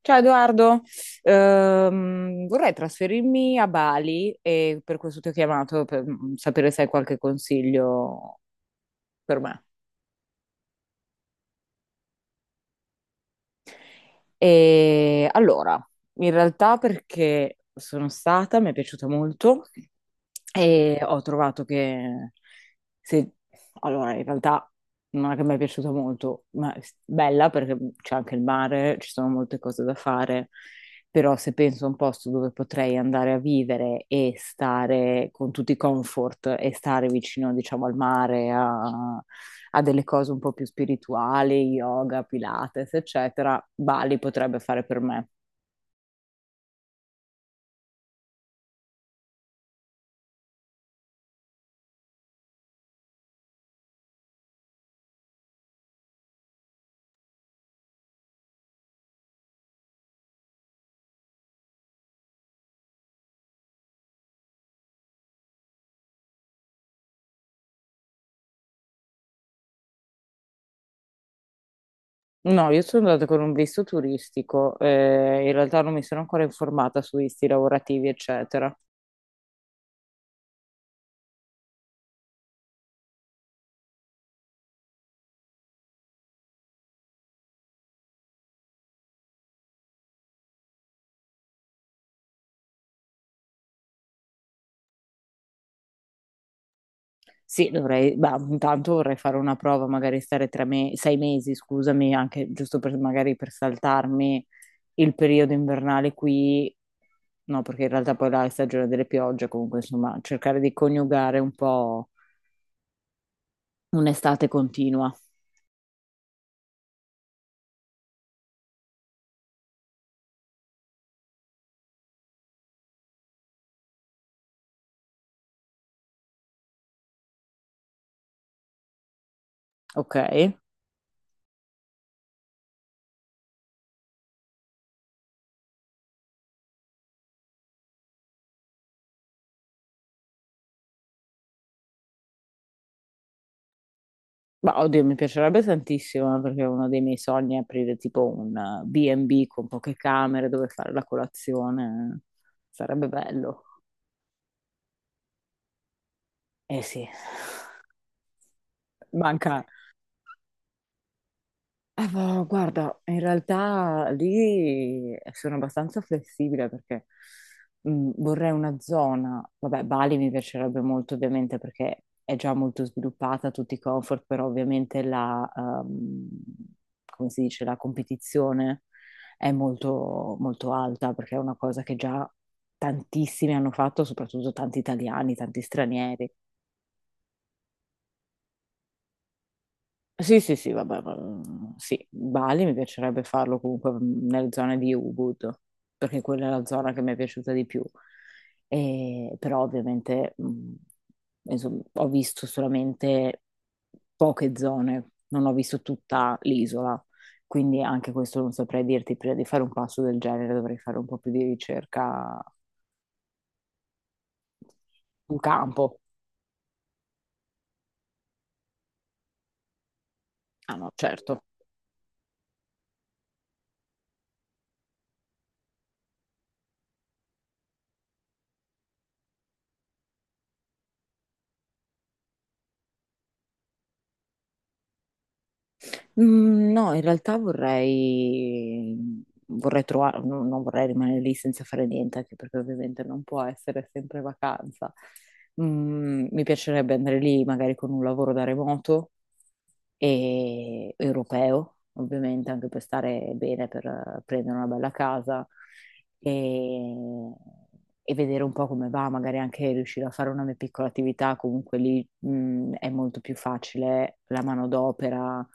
Ciao Edoardo. Vorrei trasferirmi a Bali e per questo ti ho chiamato per sapere se hai qualche consiglio per me. E allora, in realtà perché sono stata, mi è piaciuta molto. E ho trovato che se... Allora, in realtà non è che mi è piaciuta molto, ma è bella perché c'è anche il mare, ci sono molte cose da fare, però se penso a un posto dove potrei andare a vivere e stare con tutti i comfort e stare vicino, diciamo, al mare, a, a delle cose un po' più spirituali, yoga, pilates, eccetera, Bali potrebbe fare per me. No, io sono andata con un visto turistico, in realtà non mi sono ancora informata su visti lavorativi, eccetera. Sì, dovrei, bah, intanto vorrei fare una prova, magari stare sei mesi, scusami, anche giusto per, magari per saltarmi il periodo invernale qui, no, perché in realtà poi là è stagione delle piogge, comunque insomma, cercare di coniugare un po' un'estate continua, ok? Ma oddio, mi piacerebbe tantissimo, perché uno dei miei sogni è aprire tipo un B&B con poche camere dove fare la colazione. Sarebbe bello. Eh sì, manca. Boh, guarda, in realtà lì sono abbastanza flessibile perché vorrei una zona, vabbè, Bali mi piacerebbe molto ovviamente perché è già molto sviluppata, tutti i comfort, però ovviamente la, come si dice, la competizione è molto, molto alta perché è una cosa che già tantissimi hanno fatto, soprattutto tanti italiani, tanti stranieri. Sì, sì, sì, vabbè, sì, Bali mi piacerebbe farlo comunque nelle zone di Ubud, perché quella è la zona che mi è piaciuta di più. Però ovviamente, mm, insomma, ho visto solamente poche zone, non ho visto tutta l'isola, quindi anche questo non saprei dirti, prima di fare un passo del genere dovrei fare un po' più di ricerca, un campo. Ah no, certo. Mm, no, in realtà vorrei, vorrei trovare, non vorrei rimanere lì senza fare niente, anche perché ovviamente non può essere sempre vacanza. Mm, mi piacerebbe andare lì magari con un lavoro da remoto, e europeo, ovviamente, anche per stare bene, per prendere una bella casa e, e vedere un po' come va, magari anche riuscire a fare una mia piccola attività, comunque lì è molto più facile la manodopera,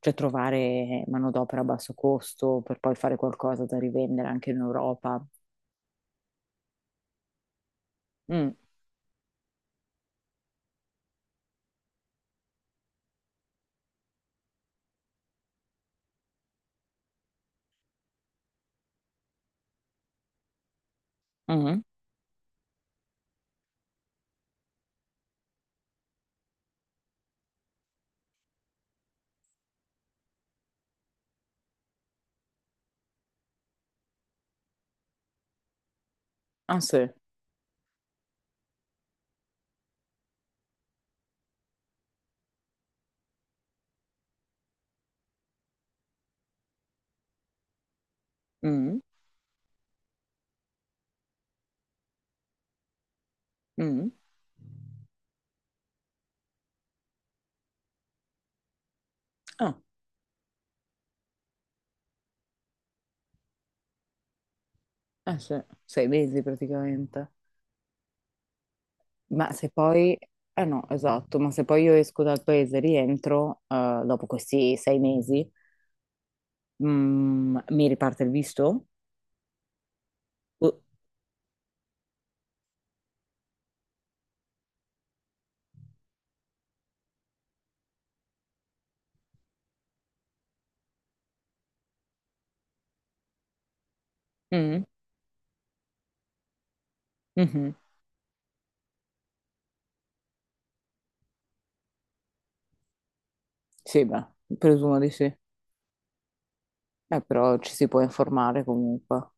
cioè trovare manodopera a basso costo per poi fare qualcosa da rivendere anche in Europa. Mm, mm. Ah sì. Mm, mm. Ah, eh sì, sei mesi praticamente. Ma se poi, eh no, esatto, ma se poi io esco dal paese e rientro, dopo questi sei mesi, mm, mi riparte il visto? Uh, mm, mhm. Sì, beh, presumo di sì. Però ci si può informare comunque.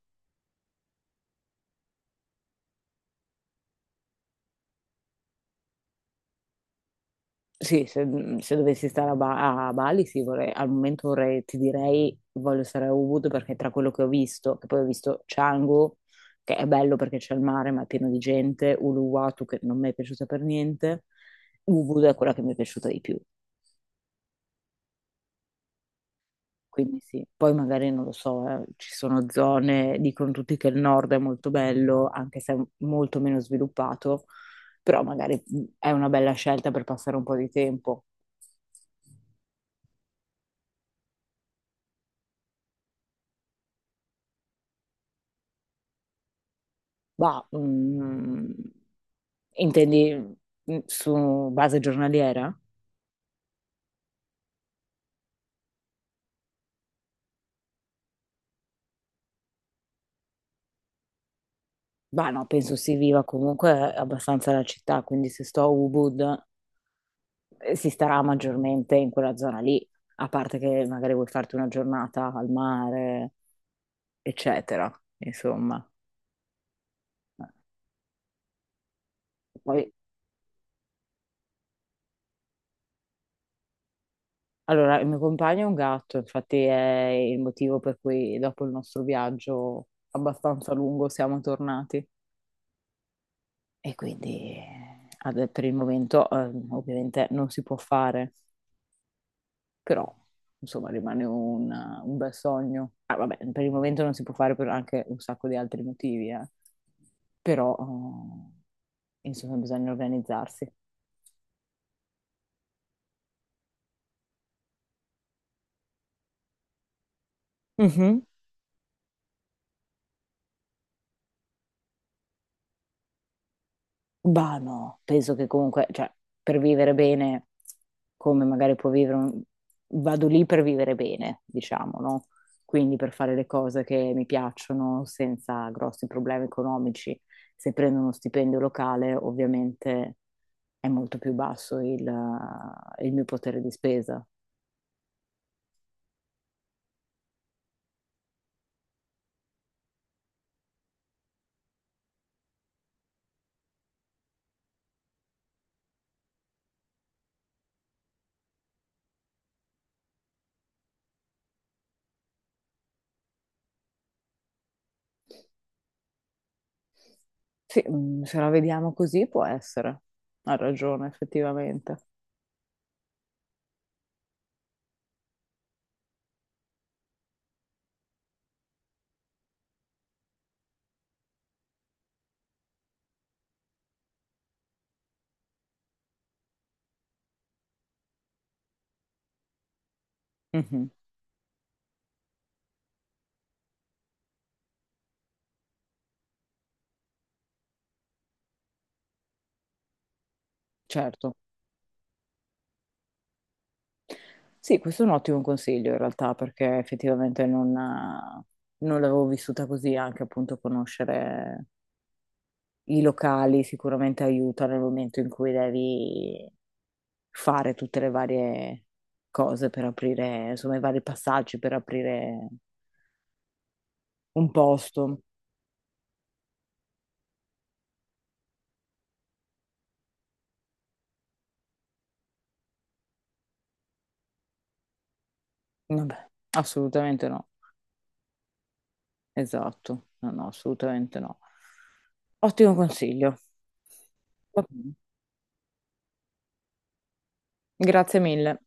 Sì, se, mhmm, se dovessi stare a Ba a Bali, sì, vorrei al momento vorrei ti direi voglio stare a Ubud perché tra quello che ho visto, che poi ho visto Canggu, che è bello perché c'è il mare ma è pieno di gente, Uluwatu che non mi è piaciuta per niente, Ubud è quella che mi è piaciuta di più. Quindi sì, poi magari non lo so, ci sono zone, dicono tutti che il nord è molto bello, anche se è molto meno sviluppato, però magari è una bella scelta per passare un po' di tempo. Bah, mm, intendi mm, su base giornaliera? Bah, no, penso si viva comunque abbastanza la città, quindi se sto a Ubud si starà maggiormente in quella zona lì, a parte che magari vuoi farti una giornata al mare, eccetera, insomma. Poi, allora, il mio compagno è un gatto, infatti è il motivo per cui dopo il nostro viaggio abbastanza lungo siamo tornati. E quindi per il momento ovviamente non si può fare, però insomma rimane un bel sogno. Ah, vabbè, per il momento non si può fare per anche un sacco di altri motivi, eh. Però insomma bisogna organizzarsi. Mhm. Bah no, penso che comunque, cioè, per vivere bene, come magari può vivere un... Vado lì per vivere bene, diciamo, no? Quindi per fare le cose che mi piacciono senza grossi problemi economici. Se prendo uno stipendio locale, ovviamente è molto più basso il mio potere di spesa. Sì, mm, se la vediamo così può essere. Ha ragione, effettivamente. Mhm, certo. Sì, questo è un ottimo consiglio in realtà, perché effettivamente non, non l'avevo vissuta così, anche appunto conoscere i locali sicuramente aiuta nel momento in cui devi fare tutte le varie cose per aprire, insomma, i vari passaggi per aprire un posto. Vabbè, assolutamente no. Esatto, no, no, assolutamente no. Ottimo consiglio. Va bene. Grazie mille.